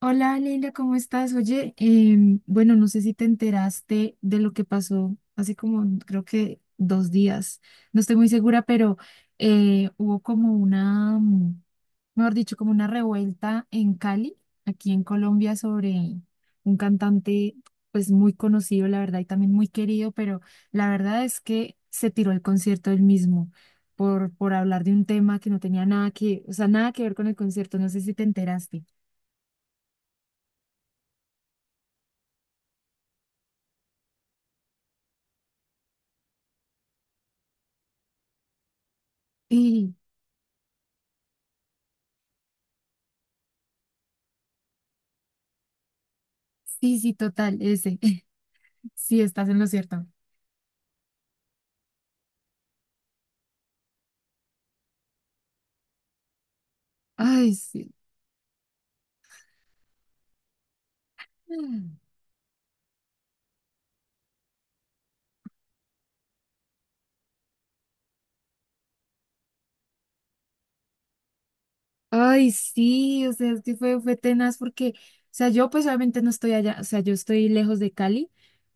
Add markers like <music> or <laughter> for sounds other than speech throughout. Hola Leila, ¿cómo estás? Oye, bueno, no sé si te enteraste de lo que pasó hace como creo que 2 días, no estoy muy segura, pero hubo como una, mejor dicho, como una revuelta en Cali, aquí en Colombia, sobre un cantante pues muy conocido, la verdad, y también muy querido, pero la verdad es que se tiró el concierto él mismo por hablar de un tema que no tenía nada que, o sea, nada que ver con el concierto, no sé si te enteraste. <clears throat> <laughs> Sí, sí, total, ese. <laughs> Sí, estás en lo cierto. Ay, sí. Ay, sí, o sea, es que fue tenaz porque, o sea, yo pues obviamente no estoy allá, o sea, yo estoy lejos de Cali,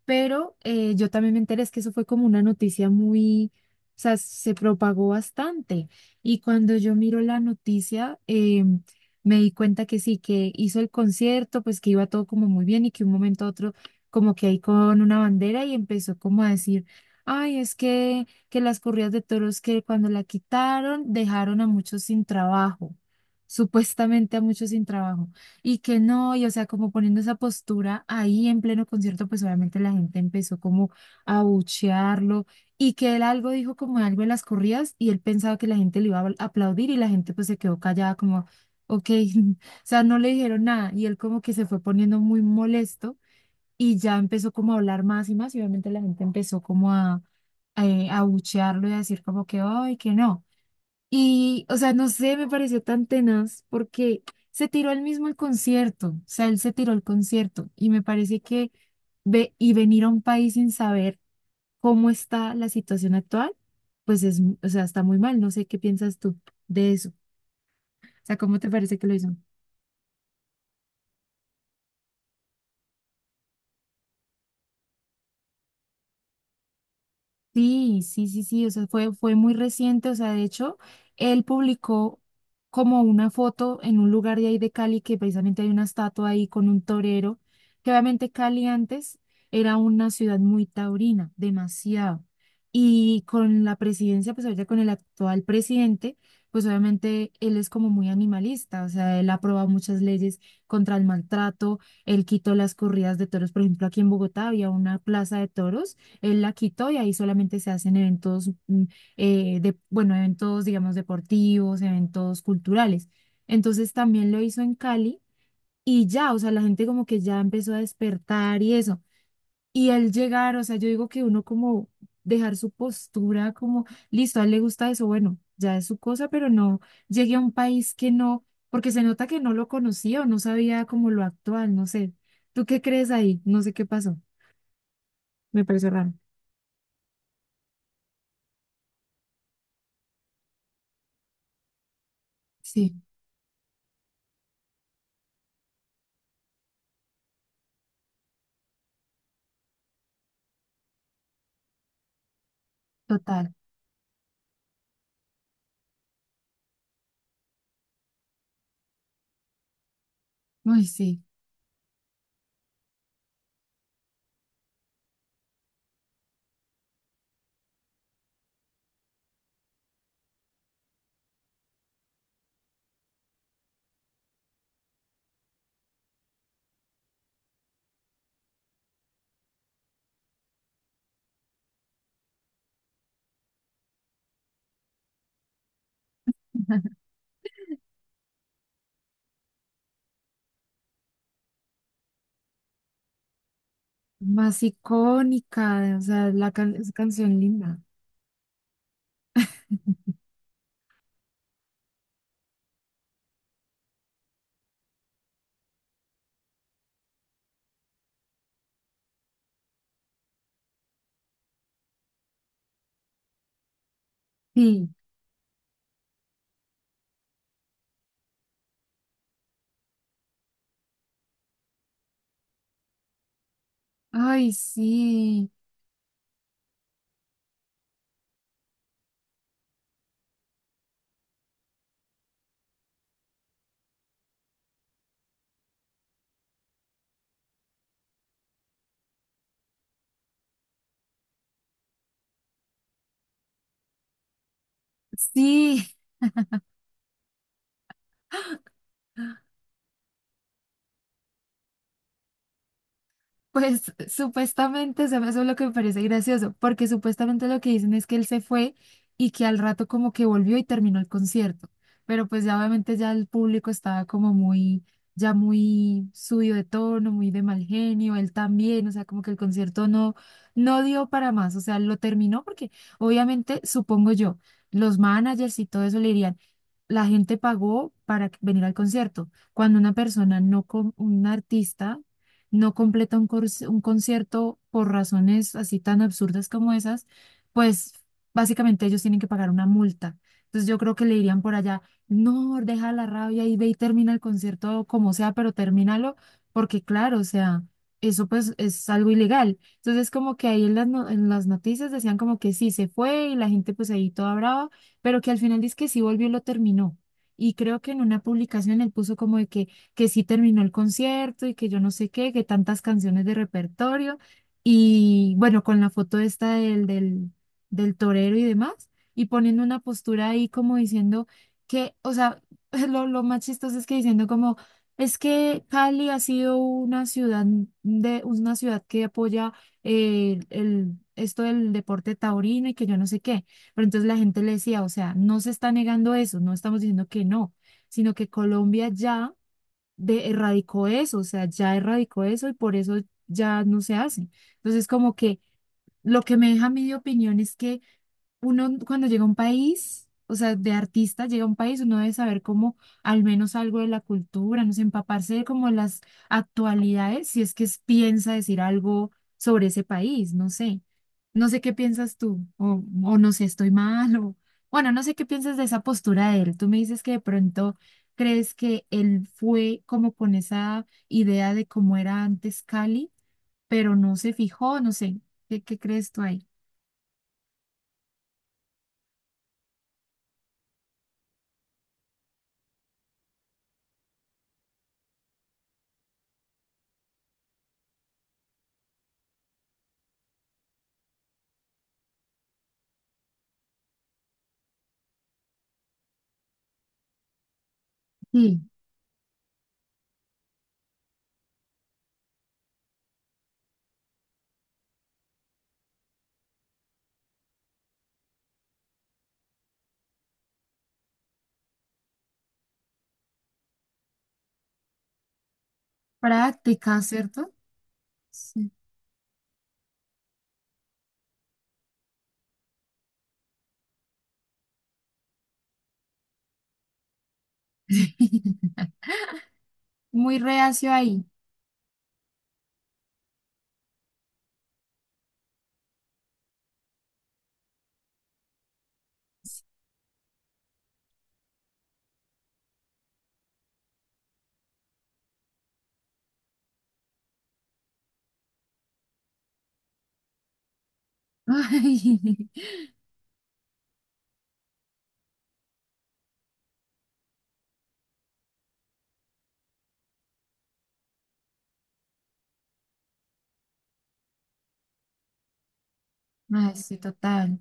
pero yo también me enteré, es que eso fue como una noticia muy, o sea, se propagó bastante. Y cuando yo miro la noticia, me di cuenta que sí, que hizo el concierto, pues que iba todo como muy bien y que un momento a otro, como que ahí con una bandera y empezó como a decir, ay, es que las corridas de toros que cuando la quitaron dejaron a muchos sin trabajo supuestamente a muchos sin trabajo y que no, y o sea, como poniendo esa postura ahí en pleno concierto, pues obviamente la gente empezó como a abuchearlo y que él algo dijo como algo en las corridas y él pensaba que la gente le iba a aplaudir y la gente pues se quedó callada como, ok, <laughs> o sea, no le dijeron nada y él como que se fue poniendo muy molesto y ya empezó como a hablar más y más y obviamente la gente empezó como a, a abuchearlo y a decir como que, ay, que no. Y, o sea, no sé, me pareció tan tenaz porque se tiró él mismo el concierto, o sea, él se tiró el concierto y me parece que ve y venir a un país sin saber cómo está la situación actual, pues es, o sea, está muy mal, no sé qué piensas tú de eso, o sea, ¿cómo te parece que lo hizo? Sí, sí, sí, sí, o sea, fue muy reciente, o sea, de hecho, él publicó como una foto en un lugar de ahí de Cali, que precisamente hay una estatua ahí con un torero, que obviamente Cali antes era una ciudad muy taurina, demasiado. Y con la presidencia, pues ahorita con el actual presidente, pues obviamente él es como muy animalista, o sea, él aprueba muchas leyes contra el maltrato, él quitó las corridas de toros, por ejemplo, aquí en Bogotá había una plaza de toros él la quitó y ahí solamente se hacen eventos, de, bueno, eventos, digamos, deportivos, eventos culturales. Entonces también lo hizo en Cali y ya, o sea, la gente como que ya empezó a despertar y eso. Y él llegar, o sea, yo digo que uno como dejar su postura como, listo, a él le gusta eso, bueno, ya es su cosa, pero no llegué a un país que no, porque se nota que no lo conocía o no sabía como lo actual, no sé. ¿Tú qué crees ahí? No sé qué pasó. Me pareció raro. Sí, total. Uy, sí, más icónica, o sea, la es canción linda. Sí, ay, sí, sí, pues supuestamente, o sea, eso es lo que me parece gracioso, porque supuestamente lo que dicen es que él se fue y que al rato como que volvió y terminó el concierto, pero pues ya obviamente ya el público estaba como muy, ya muy subido de tono, muy de mal genio, él también, o sea, como que el concierto no dio para más, o sea, lo terminó porque obviamente, supongo yo, los managers y todo eso le dirían, la gente pagó para venir al concierto, cuando una persona no, con un artista no completa un concierto por razones así tan absurdas como esas, pues básicamente ellos tienen que pagar una multa. Entonces yo creo que le dirían por allá, no, deja la rabia y ve y termina el concierto como sea, pero termínalo, porque claro, o sea, eso pues es algo ilegal. Entonces como que ahí en las, no- en las noticias decían como que sí, se fue y la gente pues ahí toda brava, pero que al final dice que sí volvió y lo terminó. Y creo que en una publicación él puso como de que sí terminó el concierto y que yo no sé qué, que tantas canciones de repertorio y bueno, con la foto esta del, del torero y demás, y poniendo una postura ahí como diciendo que, o sea, <laughs> lo más chistoso es que diciendo como, es que Cali ha sido una ciudad de, una ciudad que apoya el, esto del deporte taurino y que yo no sé qué. Pero entonces la gente le decía, o sea, no se está negando eso, no estamos diciendo que no, sino que Colombia ya de erradicó eso, o sea, ya erradicó eso y por eso ya no se hace. Entonces, como que lo que me deja mi opinión es que uno cuando llega a un país, o sea, de artista llega a un país, uno debe saber como al menos algo de la cultura, no sé, empaparse de como las actualidades, si es que piensa decir algo sobre ese país, no sé. No sé qué piensas tú, o no sé, estoy mal, o bueno, no sé qué piensas de esa postura de él. Tú me dices que de pronto crees que él fue como con esa idea de cómo era antes Cali, pero no se fijó, no sé, ¿qué crees tú ahí? Sí, práctica, ¿cierto? Sí. <laughs> Muy reacio ahí. <laughs> Ay, ay, sí, total.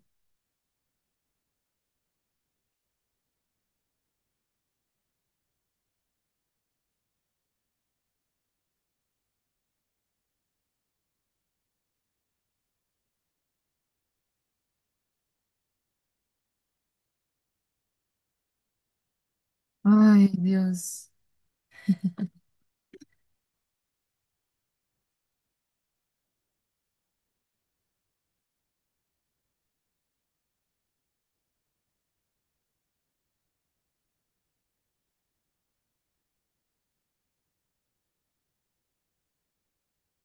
Ay, Dios.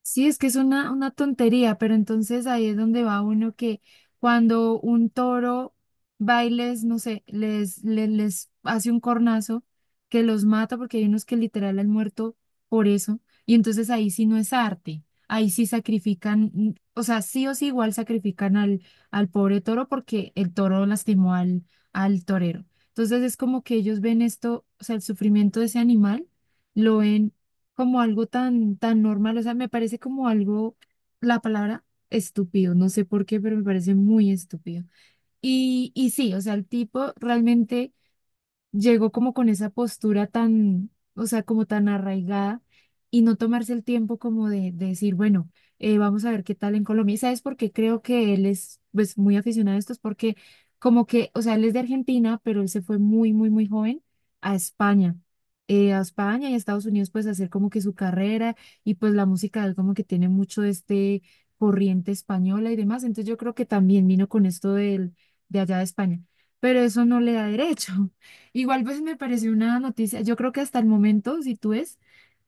Sí, es que es una tontería, pero entonces ahí es donde va uno que cuando un toro bailes, no sé, les hace un cornazo que los mata porque hay unos que literal han muerto por eso, y entonces ahí sí no es arte, ahí sí sacrifican, o sea, sí o sí igual sacrifican al, al, pobre toro porque el toro lastimó al torero. Entonces es como que ellos ven esto, o sea, el sufrimiento de ese animal, lo ven como algo tan, tan normal, o sea, me parece como algo, la palabra estúpido, no sé por qué, pero me parece muy estúpido. Y sí, o sea, el tipo realmente llegó como con esa postura tan, o sea, como tan arraigada y no tomarse el tiempo como de decir, bueno, vamos a ver qué tal en Colombia. ¿Y sabes por qué creo que él es pues muy aficionado a esto? Es porque como que, o sea, él es de Argentina, pero él se fue muy, muy, muy joven a España, a España y a Estados Unidos pues a hacer como que su carrera y pues la música de él como que tiene mucho de este corriente española y demás, entonces yo creo que también vino con esto de allá de España, pero eso no le da derecho. Igual pues me pareció una noticia, yo creo que hasta el momento, si tú ves,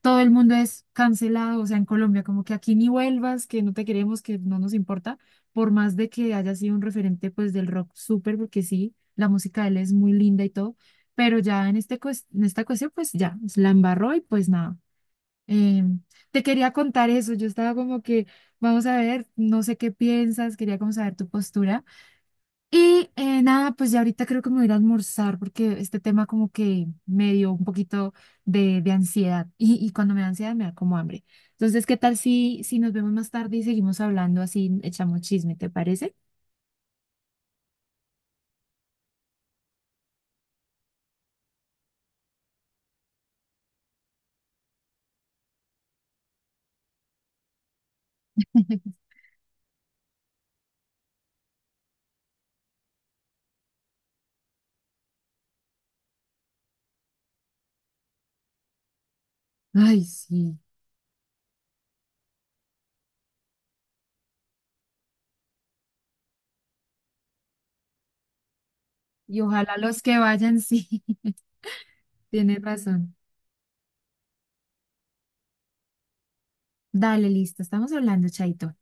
todo el mundo es cancelado, o sea, en Colombia, como que aquí ni vuelvas, que no te queremos, que no nos importa, por más de que haya sido un referente pues del rock súper, porque sí, la música de él es muy linda y todo, pero ya en esta cuestión pues ya, la embarró y pues nada. Eh, Te quería contar eso, yo estaba como que, vamos a ver, no sé qué piensas, quería como saber tu postura. Y nada, pues ya ahorita creo que me voy a ir a almorzar porque este tema como que me dio un poquito de, ansiedad y cuando me da ansiedad me da como hambre. Entonces, ¿qué tal si nos vemos más tarde y seguimos hablando así, echamos chisme, te parece? <laughs> Ay, sí. Y ojalá los que vayan, sí, <laughs> tienes razón. Dale, listo, estamos hablando, Chaito.